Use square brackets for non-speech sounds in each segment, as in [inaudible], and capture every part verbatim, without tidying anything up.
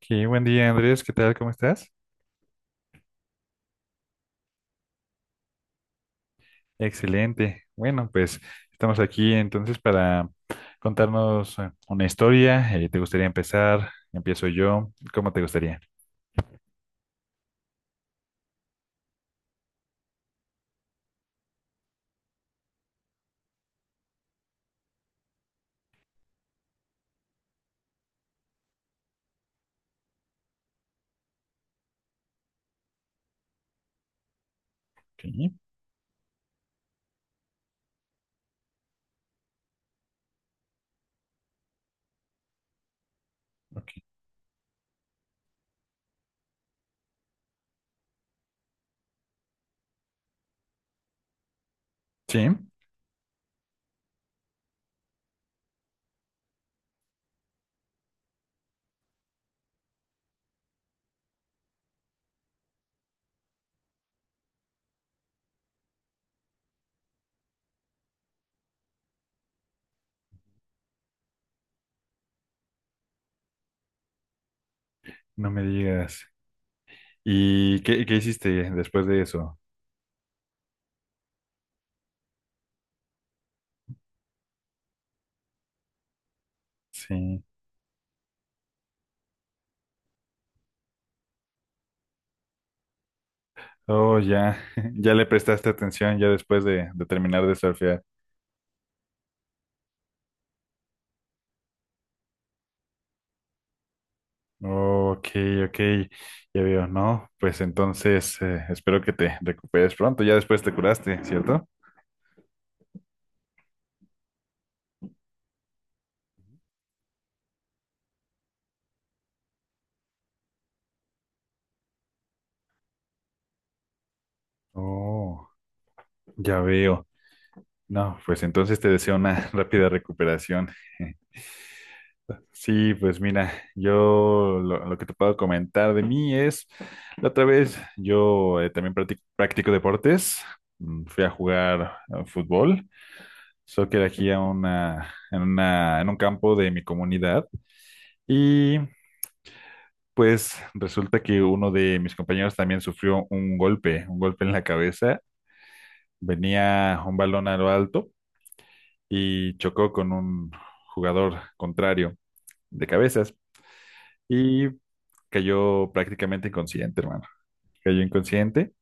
Qué buen día, Andrés. ¿Qué tal? ¿Cómo estás? Excelente. Bueno, pues estamos aquí entonces para contarnos eh, una historia. Eh, ¿te gustaría empezar? Empiezo yo. ¿Cómo te gustaría? Ok, ok. Sí, no me digas. ¿Y qué, qué hiciste después de eso? Sí. Oh, ya, [laughs] ya le prestaste atención ya después de, de terminar de surfear. Oh, ok, ok, ya veo, ¿no? Pues entonces eh, espero que te recuperes pronto, ya después te curaste, ¿cierto? Oh, ya veo. No, pues entonces te deseo una [laughs] rápida recuperación. [laughs] Sí, pues mira, yo lo, lo que te puedo comentar de mí es, la otra vez yo eh, también practic- practico deportes. Mm, fui a jugar eh, fútbol, soccer aquí a una, en una, en un campo de mi comunidad y pues resulta que uno de mis compañeros también sufrió un golpe, un golpe en la cabeza, venía un balón a lo alto y chocó con un jugador contrario de cabezas. Cayó prácticamente inconsciente, hermano. Cayó inconsciente.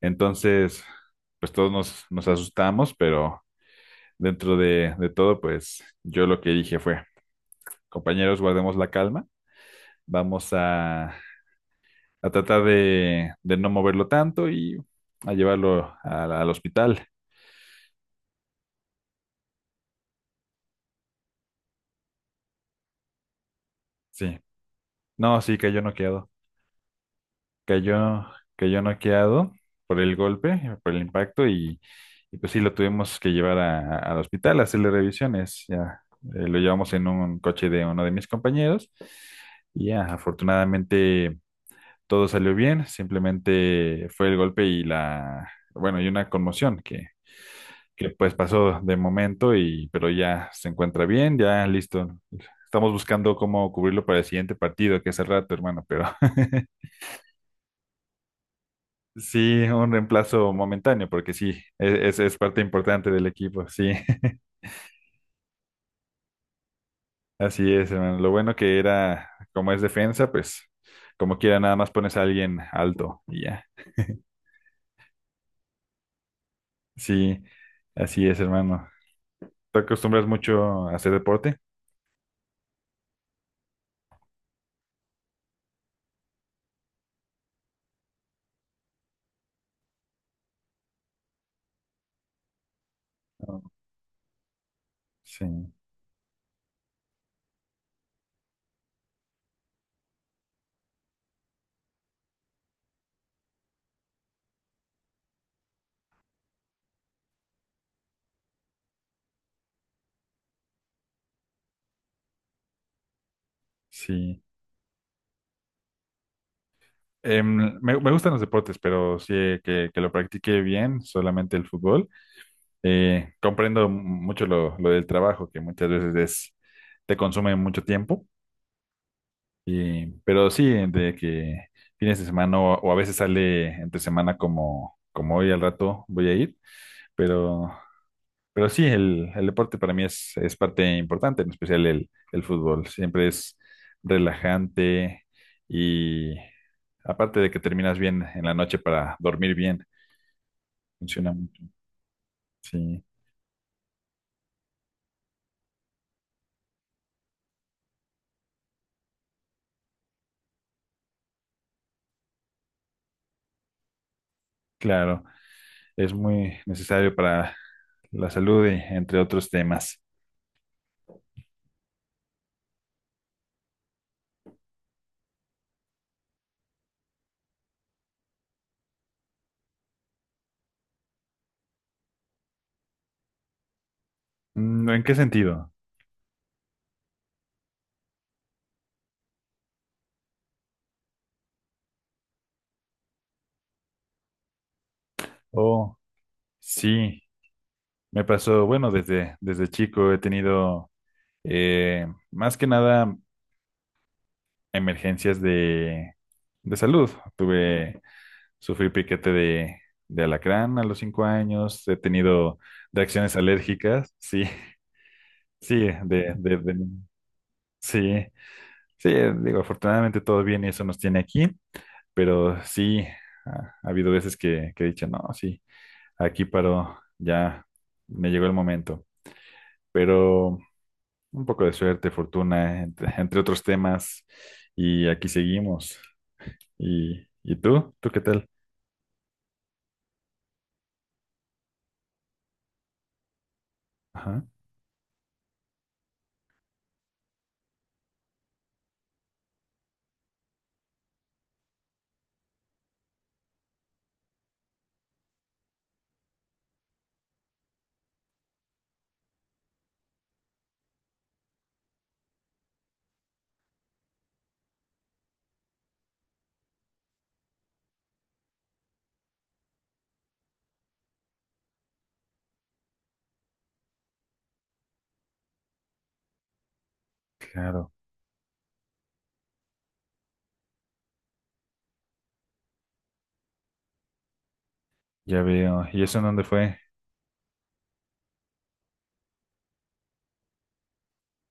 Entonces, pues todos nos, nos asustamos, pero dentro de, de todo, pues yo lo que dije fue, compañeros, guardemos la calma, vamos a, a tratar de, de no moverlo tanto y a llevarlo al, al hospital. Sí, no, sí, cayó noqueado. cayó, Cayó noqueado por el golpe, por el impacto, y, y pues sí, lo tuvimos que llevar a- al hospital a hacerle revisiones. Ya, eh, lo llevamos en un coche de uno de mis compañeros, y ya, afortunadamente todo salió bien, simplemente fue el golpe y la, bueno, y una conmoción que, que pues pasó de momento, y, pero ya se encuentra bien, ya listo. Estamos buscando cómo cubrirlo para el siguiente partido, que es el rato, hermano, pero [laughs] sí, un reemplazo momentáneo, porque sí, e- es, es parte importante del equipo, sí. [laughs] Así es, hermano. Lo bueno que era, como es defensa, pues como quiera, nada más pones a alguien alto y ya. Sí, así es, hermano. ¿Te acostumbras mucho a hacer deporte? Oh, sí, sí. Em, me, me gustan los deportes, pero sí eh, que, que lo practique bien, solamente el fútbol. Eh, comprendo mucho lo, lo del trabajo, que muchas veces es, te consume mucho tiempo. Y, pero sí, de que fines de semana o, o a veces sale entre semana como, como hoy al rato voy a ir, pero, pero sí, el, el deporte para mí es, es parte importante, en especial el, el fútbol. Siempre es relajante y aparte de que terminas bien en la noche para dormir bien, funciona mucho. Sí, claro, es muy necesario para la salud y entre otros temas. Mm, ¿en qué sentido? Oh, sí. Me pasó, bueno, desde, desde chico he tenido eh, más que nada emergencias de, de salud. Tuve, sufrí piquete de, de alacrán a los cinco años, he tenido reacciones alérgicas, sí, [laughs] sí, de, de, de- sí, sí, digo, afortunadamente todo bien y eso nos tiene aquí, pero sí, ha, ha habido veces que, que he dicho, no, sí, aquí paró, ya me llegó el momento, pero... Un poco de suerte, fortuna, entre, [laughs] entre otros temas. Y aquí seguimos. ¿Y, y tú? ¿Tú qué tal? Ajá, claro, ya veo. ¿Y eso en dónde fue?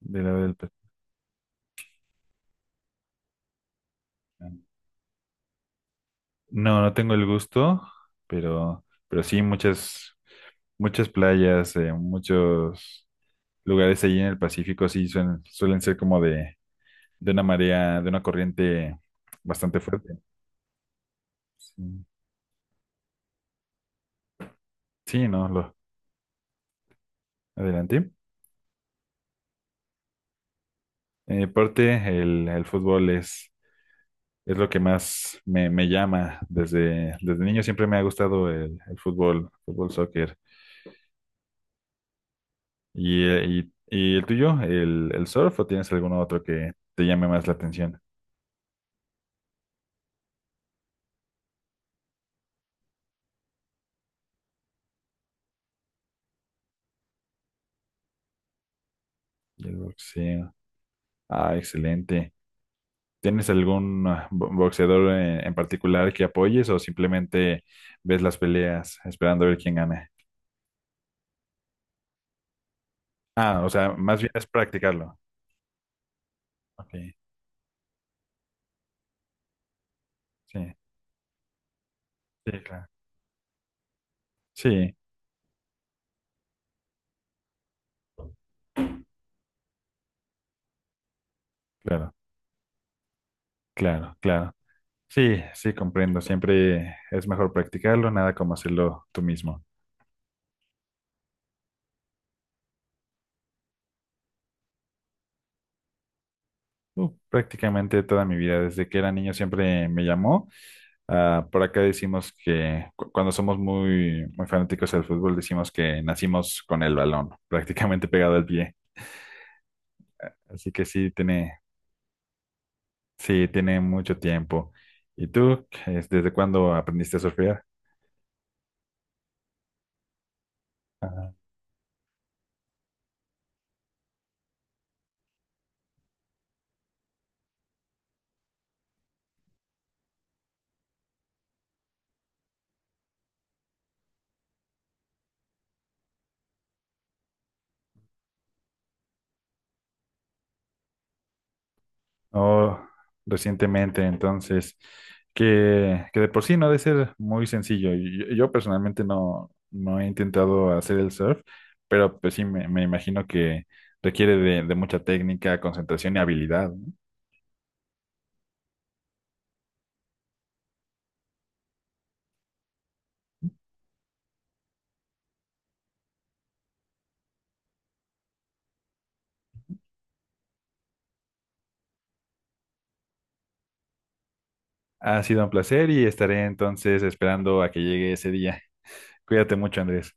De la del... pe- No, no tengo el gusto, pero, pero sí muchas, muchas playas, eh, muchos lugares allí en el Pacífico sí suelen, suelen ser como de, de una marea, de una corriente bastante fuerte. Sí, sí, no, lo adelante. En mi parte, el, el fútbol es es lo que más me, me llama. Desde, desde niño siempre me ha gustado el, el fútbol, fútbol, soccer. ¿Y, eh, y- y el tuyo, el, el surf o tienes algún otro que te llame más la atención? Y el boxeo. Ah, excelente. ¿Tienes algún ah, bo- boxeador en, en particular que apoyes o simplemente ves las peleas esperando a ver quién gana? Ah, o sea, más bien es practicarlo. Ok, sí, sí, claro. Sí, claro, claro, claro. Sí, sí, comprendo. Siempre es mejor practicarlo, nada como hacerlo tú mismo. Uh, prácticamente toda mi vida, desde que era niño, siempre me llamó. Ah, por acá decimos que cu- cuando somos muy, muy fanáticos del fútbol, decimos que nacimos con el balón, [laughs] prácticamente pegado al pie. Así que sí, tiene, sí, tiene mucho tiempo. ¿Y tú, es- desde cuándo aprendiste a surfear? Ah. Oh, recientemente, entonces, que, que de por sí no ha de ser muy sencillo. Y Yo, yo personalmente no, no he intentado hacer el surf, pero pues sí, me, me imagino que requiere de, de mucha técnica, concentración y habilidad, ¿no? Ha sido un placer y estaré entonces esperando a que llegue ese día. Cuídate mucho, Andrés.